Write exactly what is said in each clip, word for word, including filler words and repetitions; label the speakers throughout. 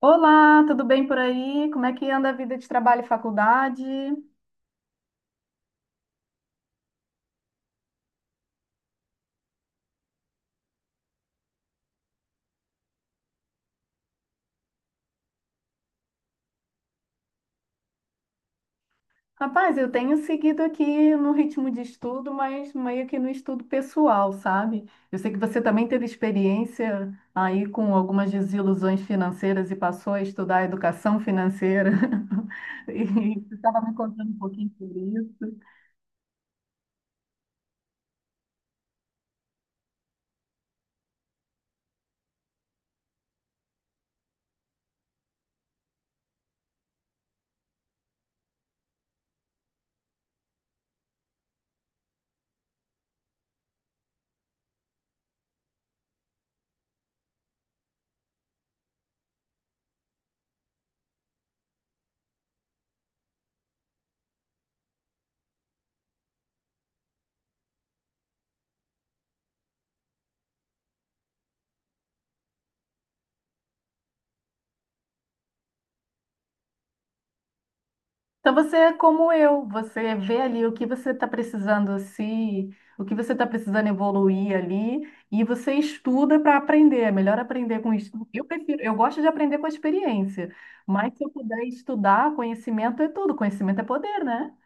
Speaker 1: Olá, tudo bem por aí? Como é que anda a vida de trabalho e faculdade? Rapaz, eu tenho seguido aqui no ritmo de estudo, mas meio que no estudo pessoal, sabe? Eu sei que você também teve experiência aí com algumas desilusões financeiras e passou a estudar educação financeira. E você estava me contando um pouquinho sobre isso. Então você é como eu, você vê ali o que você está precisando se, o que você está precisando evoluir ali e você estuda para aprender. É melhor aprender com estudo. Eu prefiro, eu gosto de aprender com a experiência, mas se eu puder estudar, conhecimento é tudo, conhecimento é poder, né?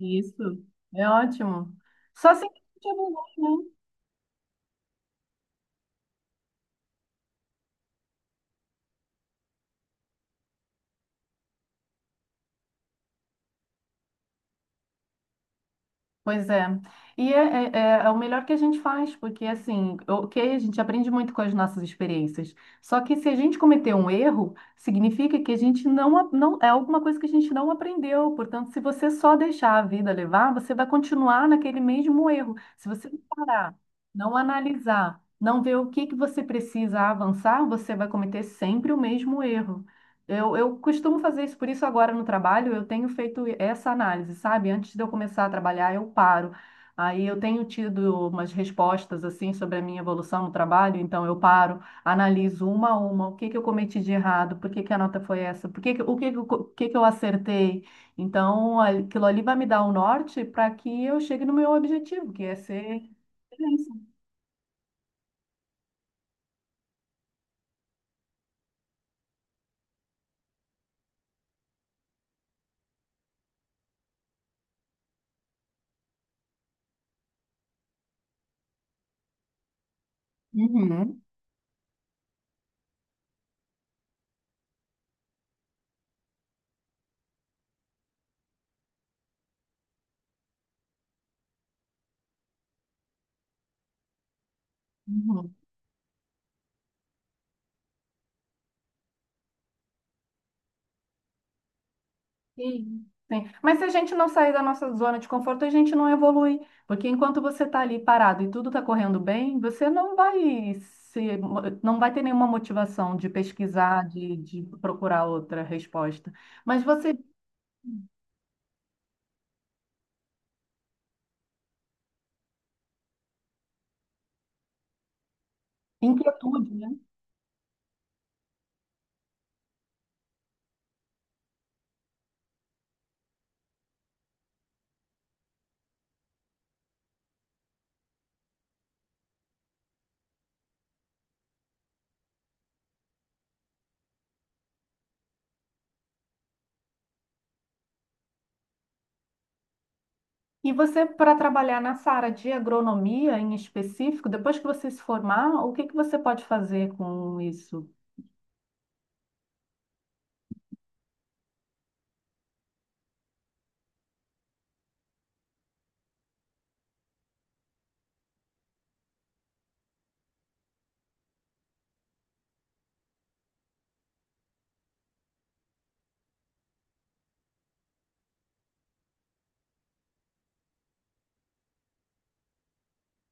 Speaker 1: Isso, é ótimo. Só assim que a gente evolui, né? Pois é. E é, é- é- é o melhor que a gente faz, porque assim, ok, a gente aprende muito com as nossas experiências. Só que se a gente cometer um erro, significa que a gente não, a- não é alguma coisa que a gente não aprendeu. Portanto, se você só deixar a vida levar, você vai continuar naquele mesmo erro. Se você não parar, não analisar, não ver o que que você precisa avançar, você vai cometer sempre o mesmo erro. Eu, eu costumo fazer isso, por isso agora no trabalho eu tenho feito essa análise, sabe? Antes de eu começar a trabalhar, eu paro. Aí eu tenho tido umas respostas assim sobre a minha evolução no trabalho, então eu paro, analiso uma a uma, o que que eu cometi de errado, por que que a nota foi essa, por que que, o que que, eu co- o que que eu acertei. Então aquilo ali vai me dar o norte para que eu chegue no meu objetivo, que é ser excelência. Uhum. Uhum. Sim. Sim. Mas se a gente não sair da nossa zona de conforto, a gente não evolui. Porque enquanto você está ali parado e tudo está correndo bem, você não vai se, não vai ter nenhuma motivação de pesquisar, de, de procurar outra resposta. Mas você, Inquietude, né? E você, para trabalhar nessa área de agronomia em específico, depois que você se formar, o que que você pode fazer com isso?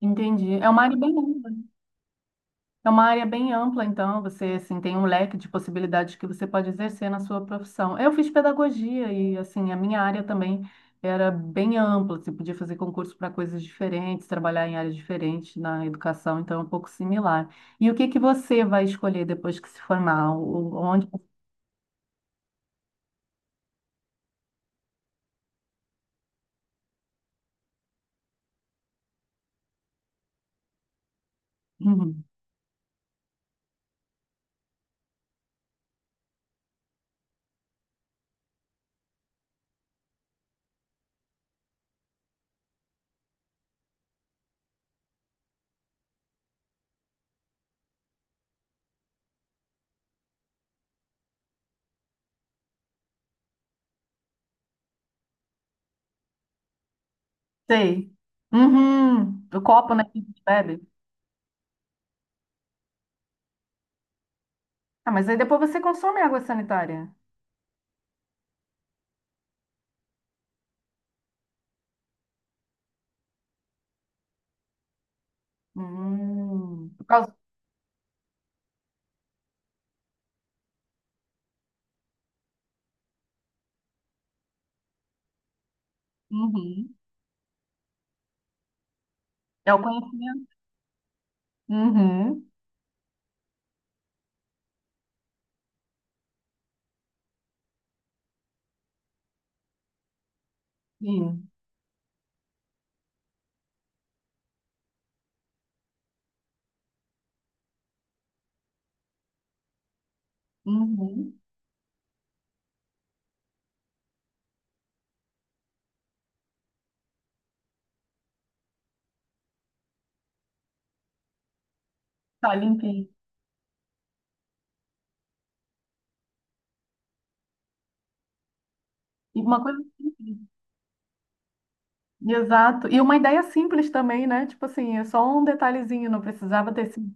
Speaker 1: Entendi. É uma área bem ampla. É uma área bem ampla, então você assim tem um leque de possibilidades que você pode exercer na sua profissão. Eu fiz pedagogia e assim a minha área também era bem ampla. Você podia fazer concurso para coisas diferentes, trabalhar em áreas diferentes na educação, então é um pouco similar. E o que que você vai escolher depois que se formar? O- Onde? Uhum. Sei. Uhum. O copo, né, que a gente bebe. Ah, mas aí depois você consome água sanitária. Hum. Por causa... Uhum. É o conhecimento. Uhum. Sim. Uhum. Tá limpinho. E uma coisa simples. Exato. E uma ideia simples também, né? Tipo assim, é só um detalhezinho, não precisava ter sido.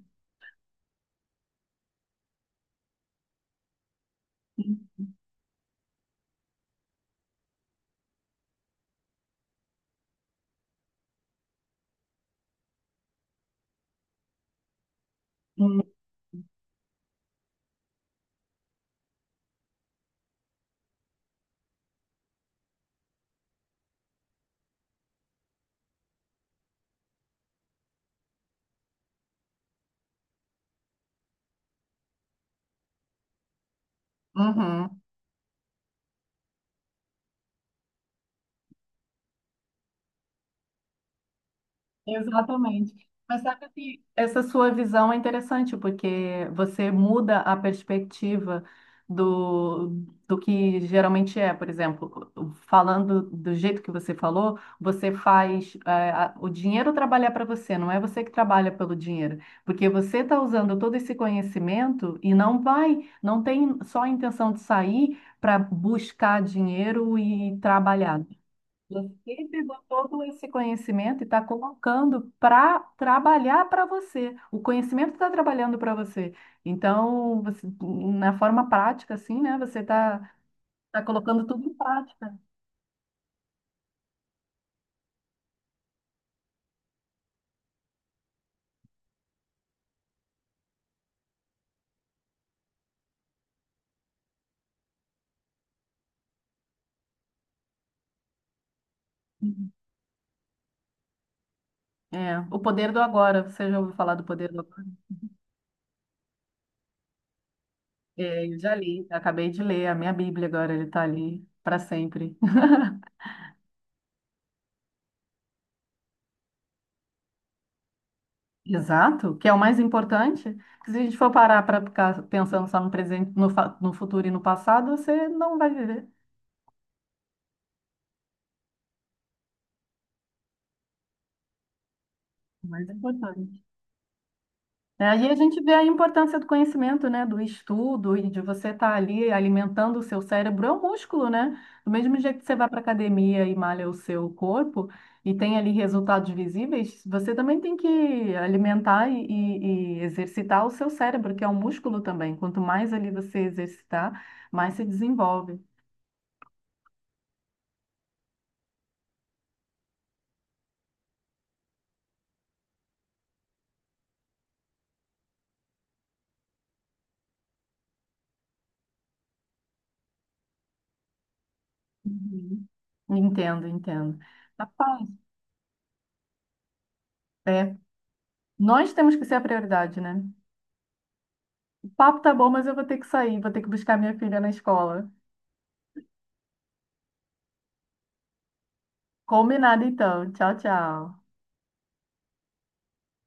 Speaker 1: Uhum. Exatamente. Mas sabe que essa sua visão é interessante, porque você muda a perspectiva do, do que geralmente é. Por exemplo, falando do jeito que você falou, você faz, eh, a- o dinheiro trabalhar para você, não é você que trabalha pelo dinheiro. Porque você está usando todo esse conhecimento e não vai, não tem só a intenção de sair para buscar dinheiro e trabalhar. Você pegou todo esse conhecimento e está colocando para trabalhar para você. O conhecimento está trabalhando para você. Então, você, na forma prática, assim, né? Você está tá tá colocando tudo em prática. Uhum. É, o poder do agora. Você já ouviu falar do poder do agora? É, eu já li, acabei de ler a minha Bíblia agora, ele está ali para sempre. Exato, que é o mais importante. Que Se a gente for parar para ficar pensando só no presente, no, fa- no futuro e no passado, você não vai viver. O mais importante. É, e a gente vê a importância do conhecimento, né, do estudo e de você estar ali alimentando o seu cérebro, é um músculo, né? Do mesmo jeito que você vai para a academia e malha o seu corpo e tem ali resultados visíveis, você também tem que alimentar e, e- e exercitar o seu cérebro, que é um músculo também. Quanto mais ali você exercitar, mais se desenvolve. Uhum. Entendo, entendo. Rapaz, é, nós temos que ser a prioridade, né? O papo tá bom, mas eu vou ter que sair, vou ter que buscar minha filha na escola. Combinado então. Tchau, tchau.